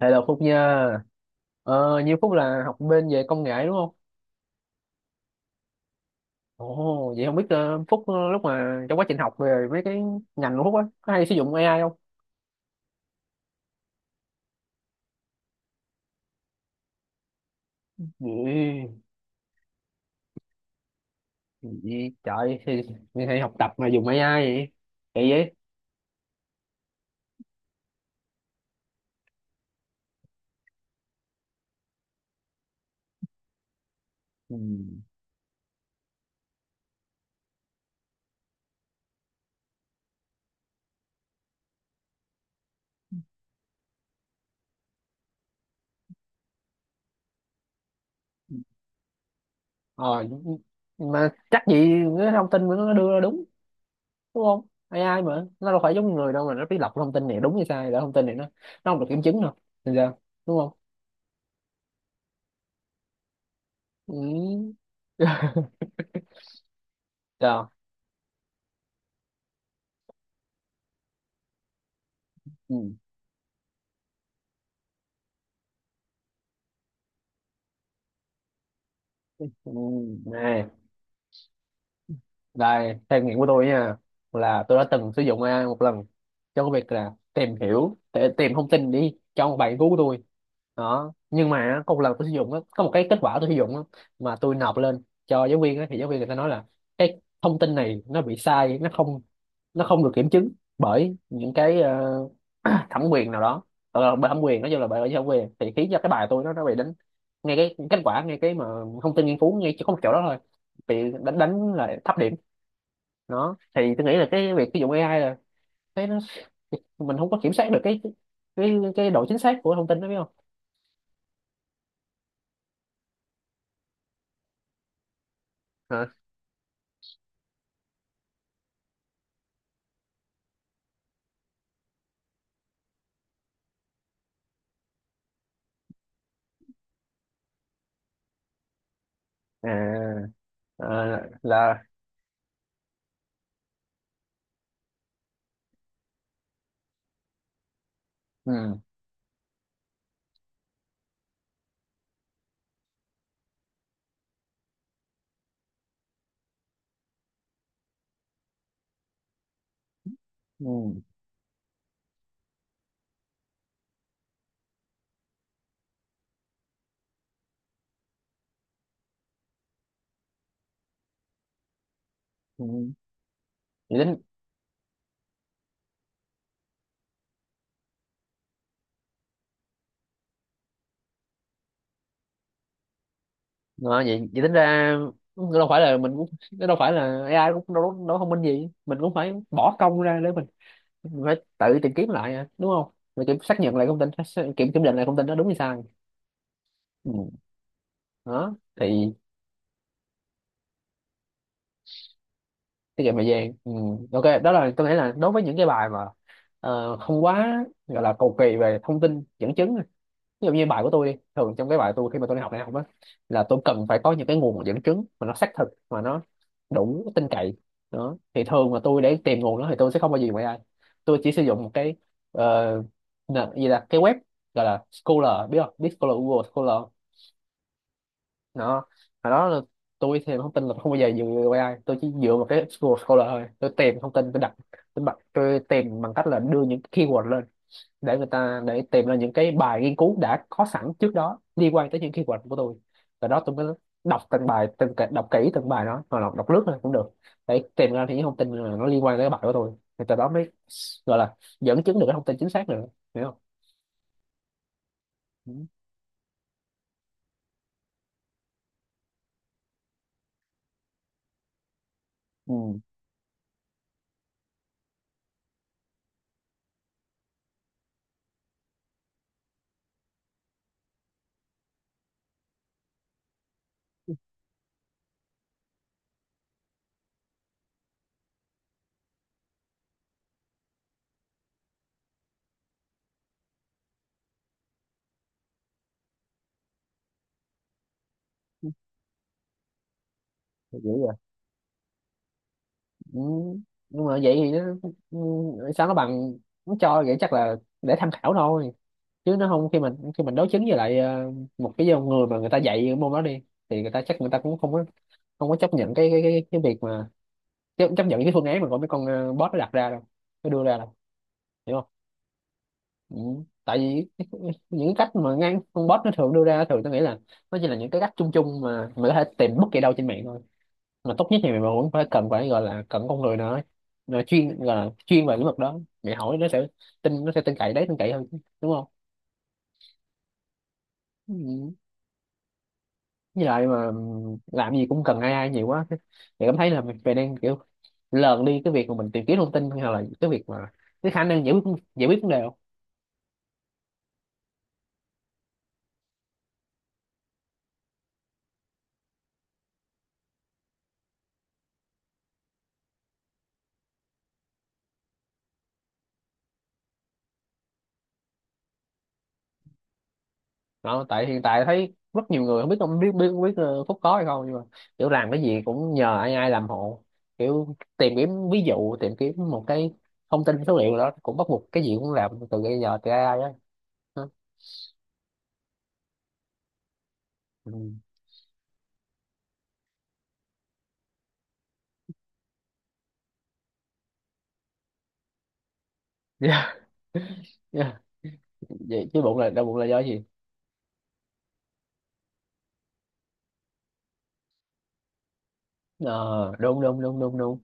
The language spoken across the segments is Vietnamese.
Hello Phúc nha. Như Phúc là học bên về công nghệ đúng không? Vậy không biết Phúc, lúc mà trong quá trình học về mấy cái ngành của Phúc á, có hay sử dụng AI không? Gì, gì trời, thì học tập mà dùng AI vậy? Kỳ vậy? Ừ. Ờ, mà chắc gì cái thông tin mà nó đưa ra đúng không? AI mà, nó đâu phải giống người đâu mà nó biết lọc thông tin này đúng hay sai, để thông tin này nó không được kiểm chứng đâu. Thì sao? Đúng không? Ừ. Sao? ừ, này đây, theo nghiệm của tôi nha, là tôi đã từng sử dụng AI một lần cho cái việc là tìm hiểu để tìm thông tin đi cho một bài nghiên cứu của tôi đó. Nhưng mà á, có một lần tôi sử dụng á, có một cái kết quả tôi sử dụng á, mà tôi nộp lên cho giáo viên á, thì giáo viên người ta nói là cái thông tin này nó bị sai, nó không được kiểm chứng bởi những cái thẩm quyền nào đó, bởi thẩm quyền, nói chung là bởi bởi thẩm quyền, thì khiến cho cái bài tôi nó bị đánh ngay cái kết quả, ngay cái mà thông tin nghiên cứu ngay chỉ có một chỗ đó thôi, bị đánh đánh là thấp điểm. Đó thì tôi nghĩ là cái việc sử dụng AI là cái nó, mình không có kiểm soát được cái độ chính xác của thông tin đó, biết không? Hả? À, à là ừ, ừ, ừ. vậy tính Vậy tính ra đâu phải là mình cũng, đâu phải là AI cũng đâu đâu thông minh gì, mình cũng phải bỏ công ra để mình phải tự tìm kiếm lại à, đúng không? Mình kiểm xác nhận lại thông tin xác- kiểm kiểm định lại thông tin đó đúng hay sai. Ừ. Đó thì tiết kiệm thời gian, ừ. Ok, đó là tôi nghĩ là đối với những cái bài mà không quá gọi là cầu kỳ về thông tin dẫn chứng. Ví dụ như bài của tôi đi, thường trong cái bài tôi khi mà tôi đi học đại học á, là tôi cần phải có những cái nguồn dẫn chứng mà nó xác thực, mà nó đủ tin cậy. Đó thì thường mà tôi để tìm nguồn đó thì tôi sẽ không bao giờ dùng AI. Tôi chỉ sử dụng một cái ờ, nền- gì là cái web gọi là Scholar, biết không? Biết Scholar, Google Scholar. Đó, hồi đó là tôi thì thông tin là không bao giờ dựa vào AI, tôi chỉ dựa vào cái Google Scholar thôi. Tôi tìm thông tin, tôi đặt tôi, bật, tôi tìm bằng cách là đưa những keyword lên để người ta, để tìm ra những cái bài nghiên cứu đã có sẵn trước đó liên quan tới những keyword của tôi. Và đó tôi mới đọc từng bài từng cái- đọc kỹ từng bài đó, hoặc là đọc lướt thôi cũng được, để tìm ra những thông tin là nó liên quan tới cái bài của tôi. Thì từ đó mới gọi là dẫn chứng được cái thông tin chính xác nữa. Hiểu không? Ừ. Ừ. Dữ. Ừ, nhưng mà vậy thì nó, ừ, sao nó bằng, nó cho vậy chắc là để tham khảo thôi, chứ nó không, khi mình khi mình đối chứng với lại một cái dòng người mà người ta dạy cái môn đó đi, thì người ta chắc người ta cũng không có, không có chấp nhận cái việc mà chấp nhận cái phương án mà của mấy con bot nó đặt ra đâu, nó đưa ra đâu. Hiểu không? Ừ. Tại vì những cái cách mà ngang con bot nó thường đưa ra, thường tôi nghĩ là nó chỉ là những cái cách chung chung mà mình có thể tìm bất kỳ đâu trên mạng thôi. Mà tốt nhất thì mình vẫn phải cần, phải gọi là cần con người nữa. Nó chuyên, gọi là chuyên về lĩnh vực đó, để hỏi nó sẽ tin, nó sẽ tin cậy, đấy tin cậy hơn chứ, đúng không? Ừ. Với lại mà làm gì cũng cần ai ai nhiều quá thì cảm thấy là mình đang kiểu lờn đi cái việc mà mình tìm kiếm thông tin, hay là cái việc mà cái khả năng giải quyết vấn đề. Đó, tại hiện tại thấy rất nhiều người không biết, không biết biết biết Phúc có hay không, nhưng mà kiểu làm cái gì cũng nhờ ai ai làm hộ, kiểu tìm kiếm, ví dụ tìm kiếm một cái thông tin số liệu đó cũng bắt buộc, cái gì cũng làm từ bây giờ từ AI á. Hả? Ừ. Yeah. Yeah. Vậy, chứ bụng là đau bụng là do gì? Ờ, đúng đúng đúng đúng đúng.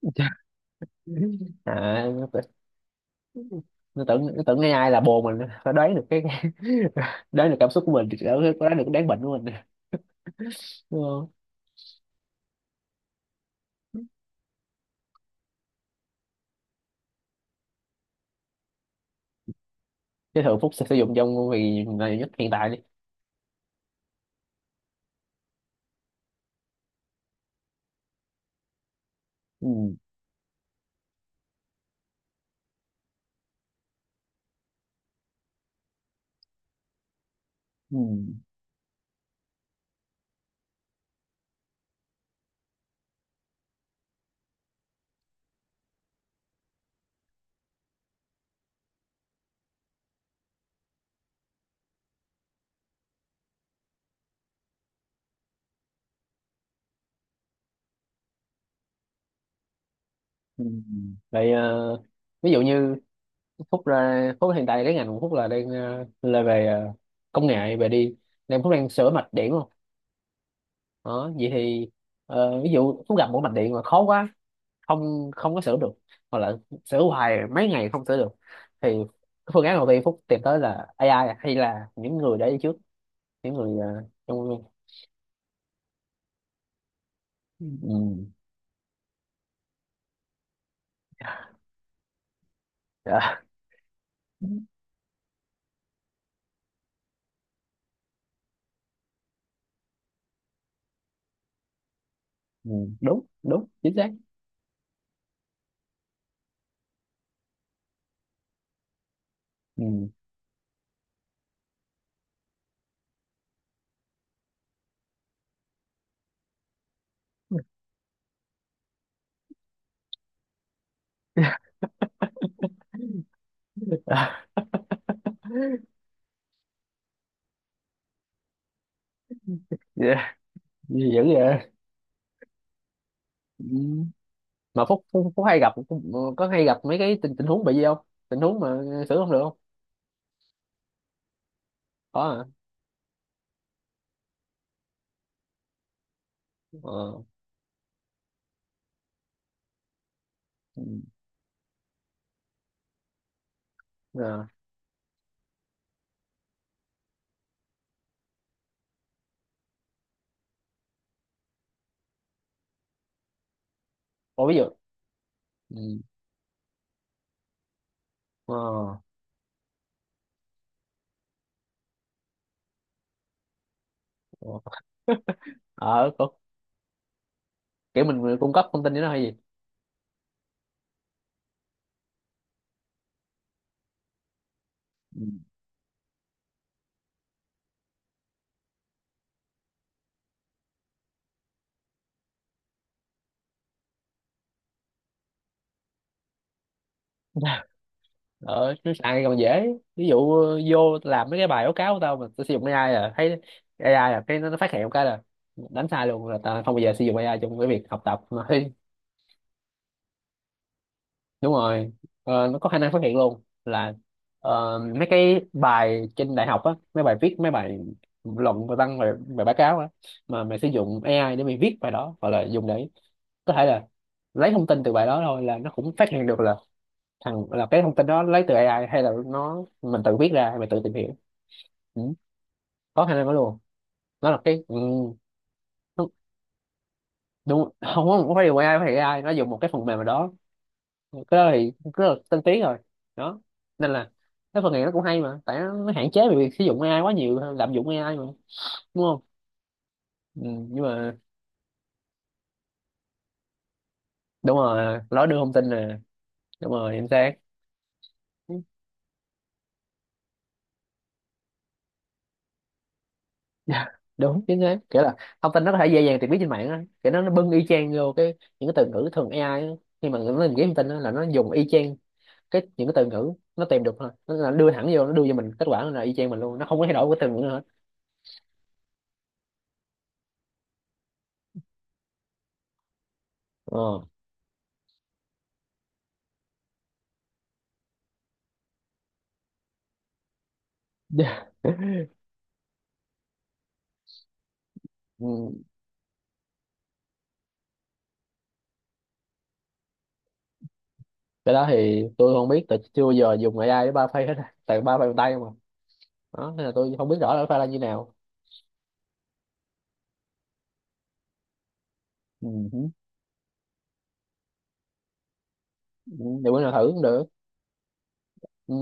Dạ. À nó tự-, nó tưởng AI, ai là bồ mình, phải đoán được cái đoán được cảm xúc của mình, đoán đoán được cái đáng bệnh của mình, đúng không? Cái thường Phúc sẽ sử dụng trong vì là nhất hiện tại đi. Ừ, ừ, ừ. Vậy ví dụ như Phúc, ra Phúc hiện tại cái ngành của Phúc là đang là về công nghệ về đi, nên Phúc đang sửa mạch điện luôn. Đó vậy thì ví dụ Phúc gặp một mạch điện mà khó quá, không không có sửa được, hoặc là sửa hoài mấy ngày không sửa được, thì cái phương án đầu tiên Phúc tìm tới là AI, hay là những người đã đi trước, những người trong, ừ. Ừ, dạ. Ừ, đúng đúng chính xác. Ừ. Dạ, dữ vậy. Ừ. Mà phúc, phúc phúc hay gặp, có hay gặp mấy cái tình tình huống bị gì không, tình huống mà xử không được không? Có hả? Ờ. Ừ. Ờ. Ủa, ví dụ. Ừ. Ờ. Ờ. Ờ, có-, kiểu mình cung cấp thông tin cho nó hay gì? Ừ. Ờ nó xài còn dễ. Ví dụ vô làm mấy cái bài báo cáo của tao mà tao sử dụng AI là thấy AI là cái nó phát hiện một cái là đánh sai luôn, là tao không bao giờ sử dụng AI trong cái việc học tập đúng rồi. Ờ, nó có khả năng phát hiện luôn là mấy cái bài trên đại học á, mấy bài viết, mấy bài luận, bài văn, bài báo cáo á mà mày sử dụng AI để mày viết bài đó, hoặc là dùng để có thể là lấy thông tin từ bài đó thôi, là nó cũng phát hiện được là thằng là cái thông tin đó lấy từ AI hay là nó mình tự viết ra, hay mình tự tìm hiểu. Ừ. Có khả năng đó luôn. Nó là cái ừ, nó-, đúng không, không phải dùng AI, phải AI nó dùng một cái phần mềm nào đó, cái đó thì cũng rất là tân tiến rồi. Đó nên là cái phần này nó cũng hay, mà tại nó hạn chế về việc sử dụng AI quá nhiều, lạm dụng AI mà, đúng không? Ừ, nhưng mà đúng rồi, nó đưa thông tin nè, đúng rồi chính xác. Dạ, đúng chính xác, kiểu là thông tin nó có thể dễ dàng tìm biết trên mạng á, kiểu nó bưng y chang vô cái, những cái từ ngữ thường AI á. Khi mà nó tìm kiếm thông tin á, là nó dùng y chang cái những cái từ ngữ nó tìm được thôi, nó là đưa thẳng vô, nó đưa cho mình kết quả là y chang mình luôn, nó không có thay đổi cái từ ngữ nữa hết. Ờ. Dạ. Ừ. Cái đó thì tôi không biết, tại chưa bao giờ dùng AI để ba phây hết, tại ba phây bằng tay mà. Đó nên là tôi không biết rõ là nó pha ra như nào. Ừ. Hử. Ừ, để bữa nào thử cũng được. Ừ.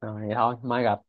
Rồi vậy thôi mai gặp.